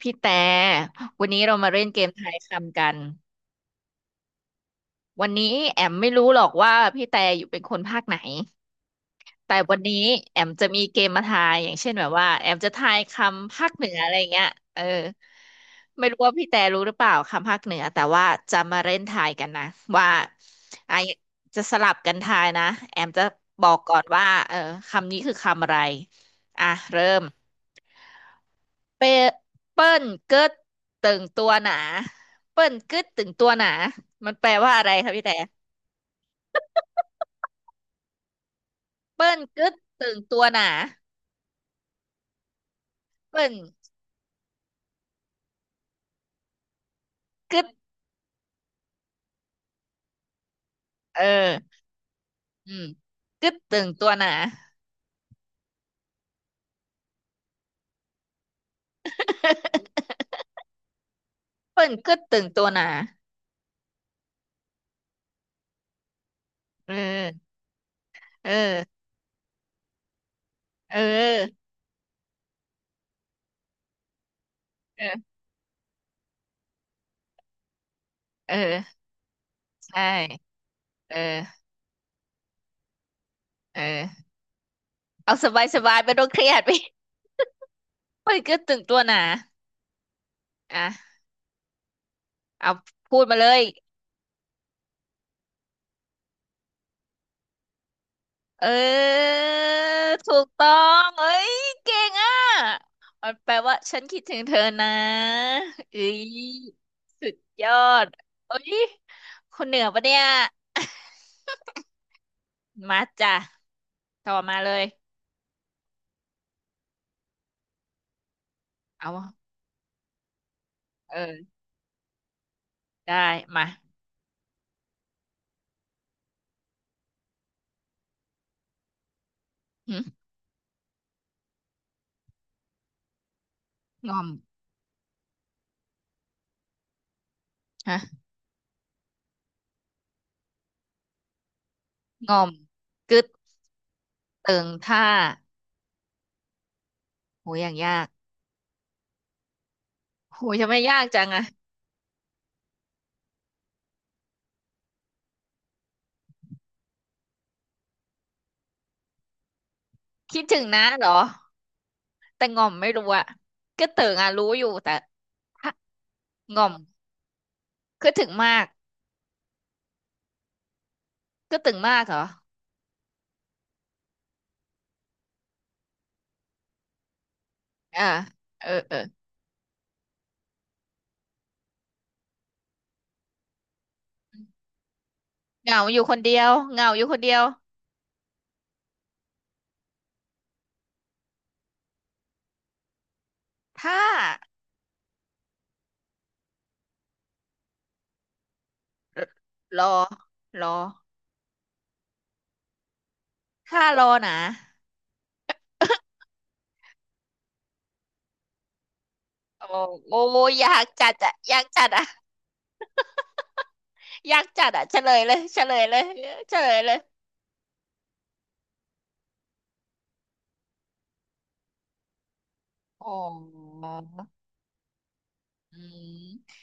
พี่แต่วันนี้เรามาเล่นเกมทายคำกันวันนี้แอมไม่รู้หรอกว่าพี่แต่อยู่เป็นคนภาคไหน แต่วันนี้แอมจะมีเกมมาทายอย่างเช่นแบบว่าแอมจะทายคำภาคเหนืออะไรเงี้ยเออไม่รู้ว่าพี่แต่รู้หรือเปล่าคำภาคเหนือแต่ว่าจะมาเล่นทายกันนะว่าไอะจะสลับกันทายนะแอมจะบอกก่อนว่าเออคำนี้คือคำอะไรอ่ะเริ่ม เปเปิ้ลกึดตึงตัวหนาเปิ้ลกึดตึงตัวหนามันแปลว่าอะไรคะพี่แต่เปิ้ลกึดตึงตัวหนาเปิ้ลกึดเอออืมกึดตึงตัวหนา เปิ้ลกึดตึงตัวหนาเออเออเออเออเออใช่เออ เออ เอาสบายสบายไม่ต้องเครียด พี่ เปิ้ลกึดตึงตัวหนาอ่ะเอาพูดมาเลย เออถูกต้องเอ้ยเก่งอ่ะมันแปลว่าฉันคิดถึงเธอนะเอ้ยสุดยอดเอ้ยคนเหนือปะเนี่ย มาจ้ะต่อมาเลยเอาวะเออได้มาหึงอมฮะงอมกึดเติงท่าโหอย่างยากโหจะไม่ยากจังอะคิดถึงนะเหรอแต่งอมไม่รู้อะกึดเติงอะรู้อยู่แต่ถ้างอมคือถึงมาก ก็ตึงมากเหรออ่าเออเออเหงาอยู่คนเดียวเหงาอยู่คนเดียวถ้ารอรอถ้ารอนะโอ้โอ้อยากจัดอะอยากจัดอะอยากจัดอะเฉลยเลยเฉลยเลยเฉลยเลยอ๋ออืม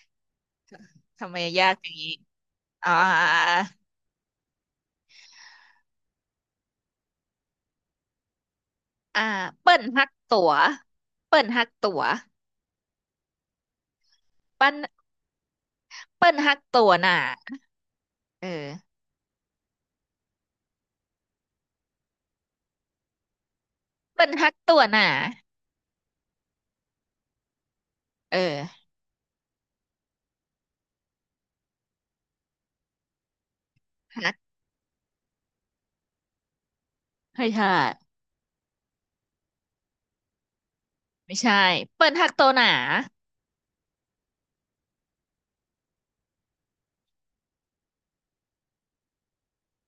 ทำไมยากอย่างนี้อ่าอ่าเปิ้นฮักตั๋วเปิ้นฮักตั๋วเปิ้นเปิ้นฮักตั๋วน่ะเออเปิ้นฮักตั๋วน่ะเออฮักให้ใช่ ไม่ใช่เปิ้ลหักโตหนา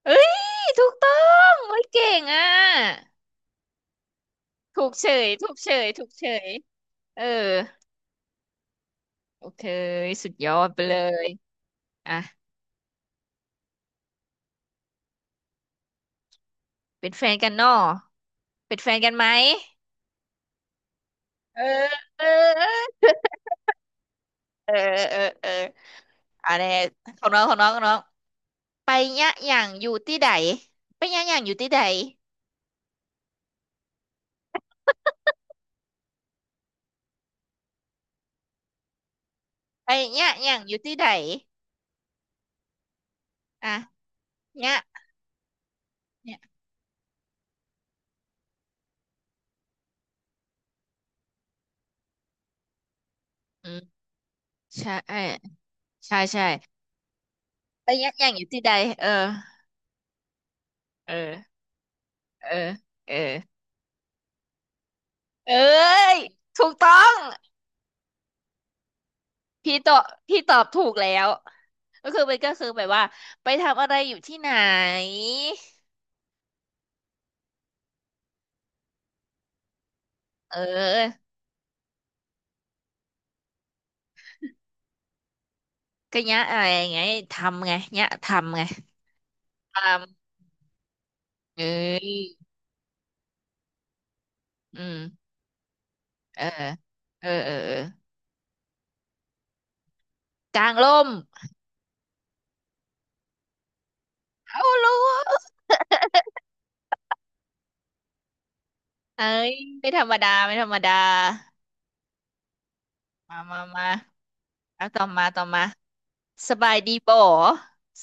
เอ้ยถูกต้องเฮ้ยเก่งอ่ะถูกเฉยถูกเฉยถูกเฉยเออโอเคสุดยอดไปเลยอ่ะเป็นแฟนกันเนอะเป็นแฟนกันไหมเออเออเออเออเอออันนี้ของน้องของน้องของน้องไปยะอย่างอยู่ที่ใดไปยะอย่างอยู่ที่ใดไปยะอย่างอยู่ที่ใดอ่ะยะเนี่ยอืมใช่เออใช่ใช่ไปยะอย่างอยู่ที่ใดเออ เออ เออเออเอ้ยถูกต้องพี่ตอบพี่ตอบถูกแล้ว ก็คือมันก็คือแบบว่าไปทำอะไรอยู่ที่ไหนเออก็เนี้ยอะไรไงทำไงเนี้ยทำไงทำเอ้ยอืมเออเออเออเออกางร่มเอารู้เอ้ยไม่ธรรมดาไม่ธรรมดามามามาเอาต่อมาต่อมาสบายดีบ่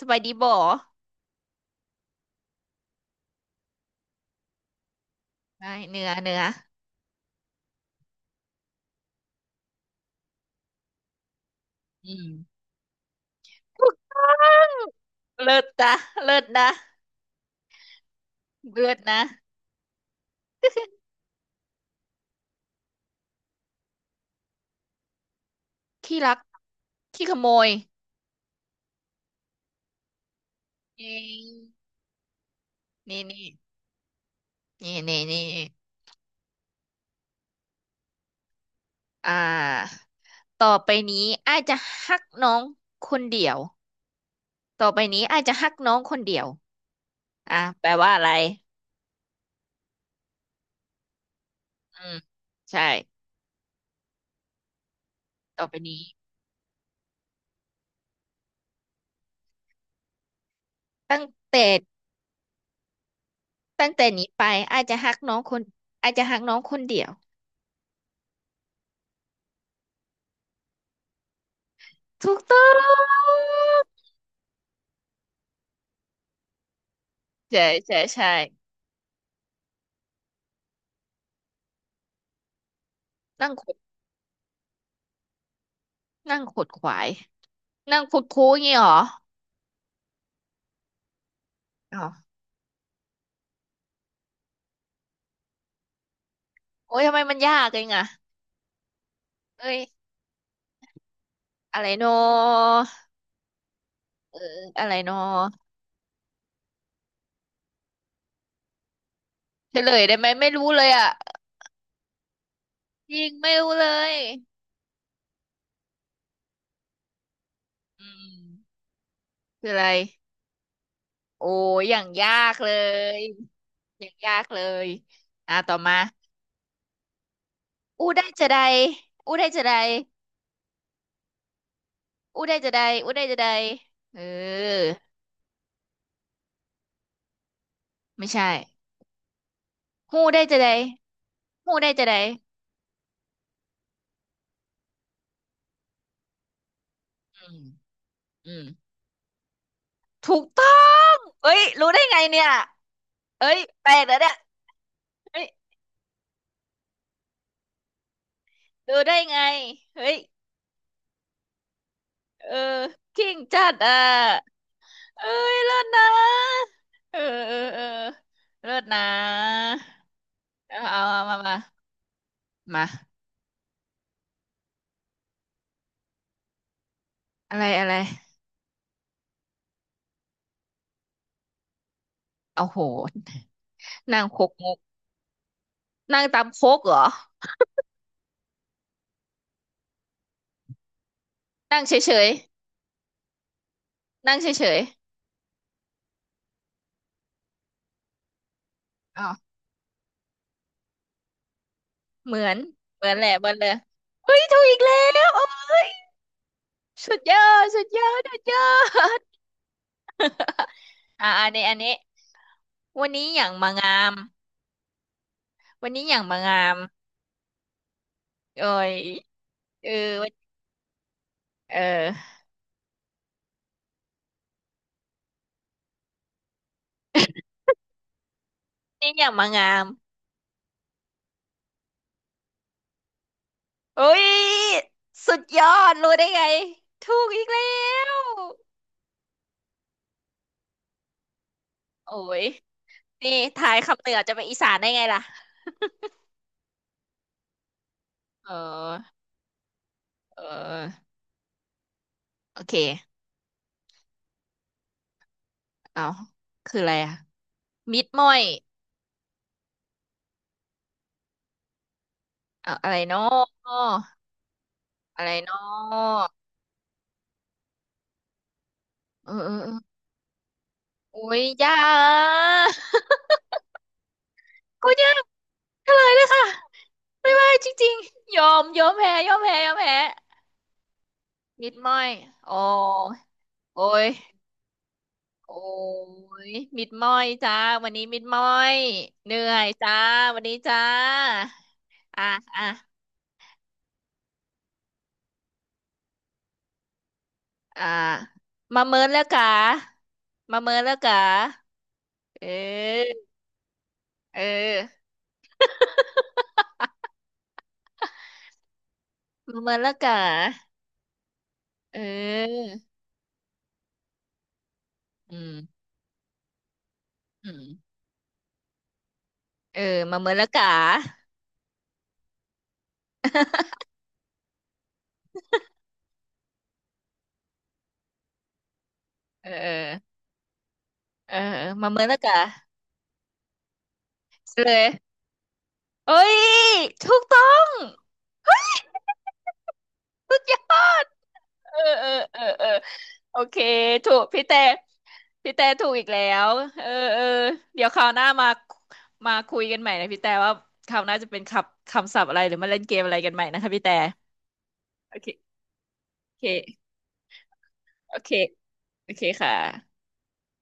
สบายดีบ่ได้เนื้อเนื้ออืม เลิศนะเลิศนะเลิศนะที่รักที่ขโมยนี่นี่นี่นี่นี่นี่อ่าต่อไปนี้อาจจะฮักน้องคนเดียวต่อไปนี้อาจจะฮักน้องคนเดียวอ่ะแปลว่าอะไรอืมใช่ต่อไปนี้ตั้งแต่ตั้งแต่นี้ไปอาจจะฮักน้องคนอาจจะฮักน้องคนเดียวถูกต้องใช่ใช่ใช่นั่งขดนั่งขดขวาย นั่งคุดคู้อย่างงี้เหรออ๋อโอ้ยทำไมมันยากเองอะเอ้ยอะไรโนอะไรโนเฉลยได้ไหมไม่รู้เลยอะจริงไม่รู้เลยอืมคืออะไร โอ้ย อย่างยากเลยอย่างยากเลยอ่ะต่อมา อู้ได้จะใดอู้ได้จะใดอู้ได้จะใดอู้ได้จะใดเออไม่ใช่หู้ได้จะใดหู้ได้จะใดอืมอืม ถูกต้องเอ้ยรู้ได้ไงเนี่ยเอ้ยแปลกแล้วเนี่ยเฮ้ยรู้ได้ไงเฮ้ยเออกิ้งจัดอ่ะเอ้ยเลิศนะเออเออเออเลิศนะเอาเอาเอามามามาอะไรอะไรเอ้โหนั่งโคกงกนั่งตามโคกเหรอนั่งเฉยๆนั่งเฉยๆอ๋อเหมือนเหมือนแหละเหมือนเลยเฮ้ยถูกอีกแล้วเอ้ย สุดยอดสุดยอดสุดยอด อ่าอันนี้อันนี้วันนี้อย่างมางามวันนี้อย่างมางามเอ้ยเออเออ นี่อย่างมางามเอ้ยสุดยอดรู้ได้ไงถูกอีกแล้วโอ้ยนี่ทายคำเหนือจะเป็นอีสานได้ไงล่ะเออเออโอเคเอาคืออะไรอะมิดม้อยเอาอะไรเนาะอะไรเนาะเออเออเออโอ้ยยาก กูเนี่ยงเฉลยเลยค่ะไม่ไหวจริงๆยอม ยอมแพ้ยอมแพ้ยอมแพ้มิดม้อยโอ้โอ้ยโอ้ยมิดม้อยจ้าวันนี้มิดม้อยเหนื่อยจ้าวันนี้จ้าอ่ะอ่ะอ่ะมาเมินแล้วกะมาเมินแล้วกะเออเออมาเมินแล้วกะเอออืมอืมเออมาเมินแล้วกะเออเออเออมาเมินแล้วกะเลย เอ้ยถูกต้องเฮ้ยสุดยอดเออเออเออเออโอเคถูกพี่แต่พี่แต่ถูกอีกแล้วเออเออเดี๋ยวคราวหน้ามามาคุยกันใหม่นะพี่แต่ว่าคราวหน้าจะเป็นคำคำศัพท์อะไรหรือมาเล่นเกมอะไรกันใหม่นะคะพี่แต่โอเคโอเคโอเคโอเคค่ะ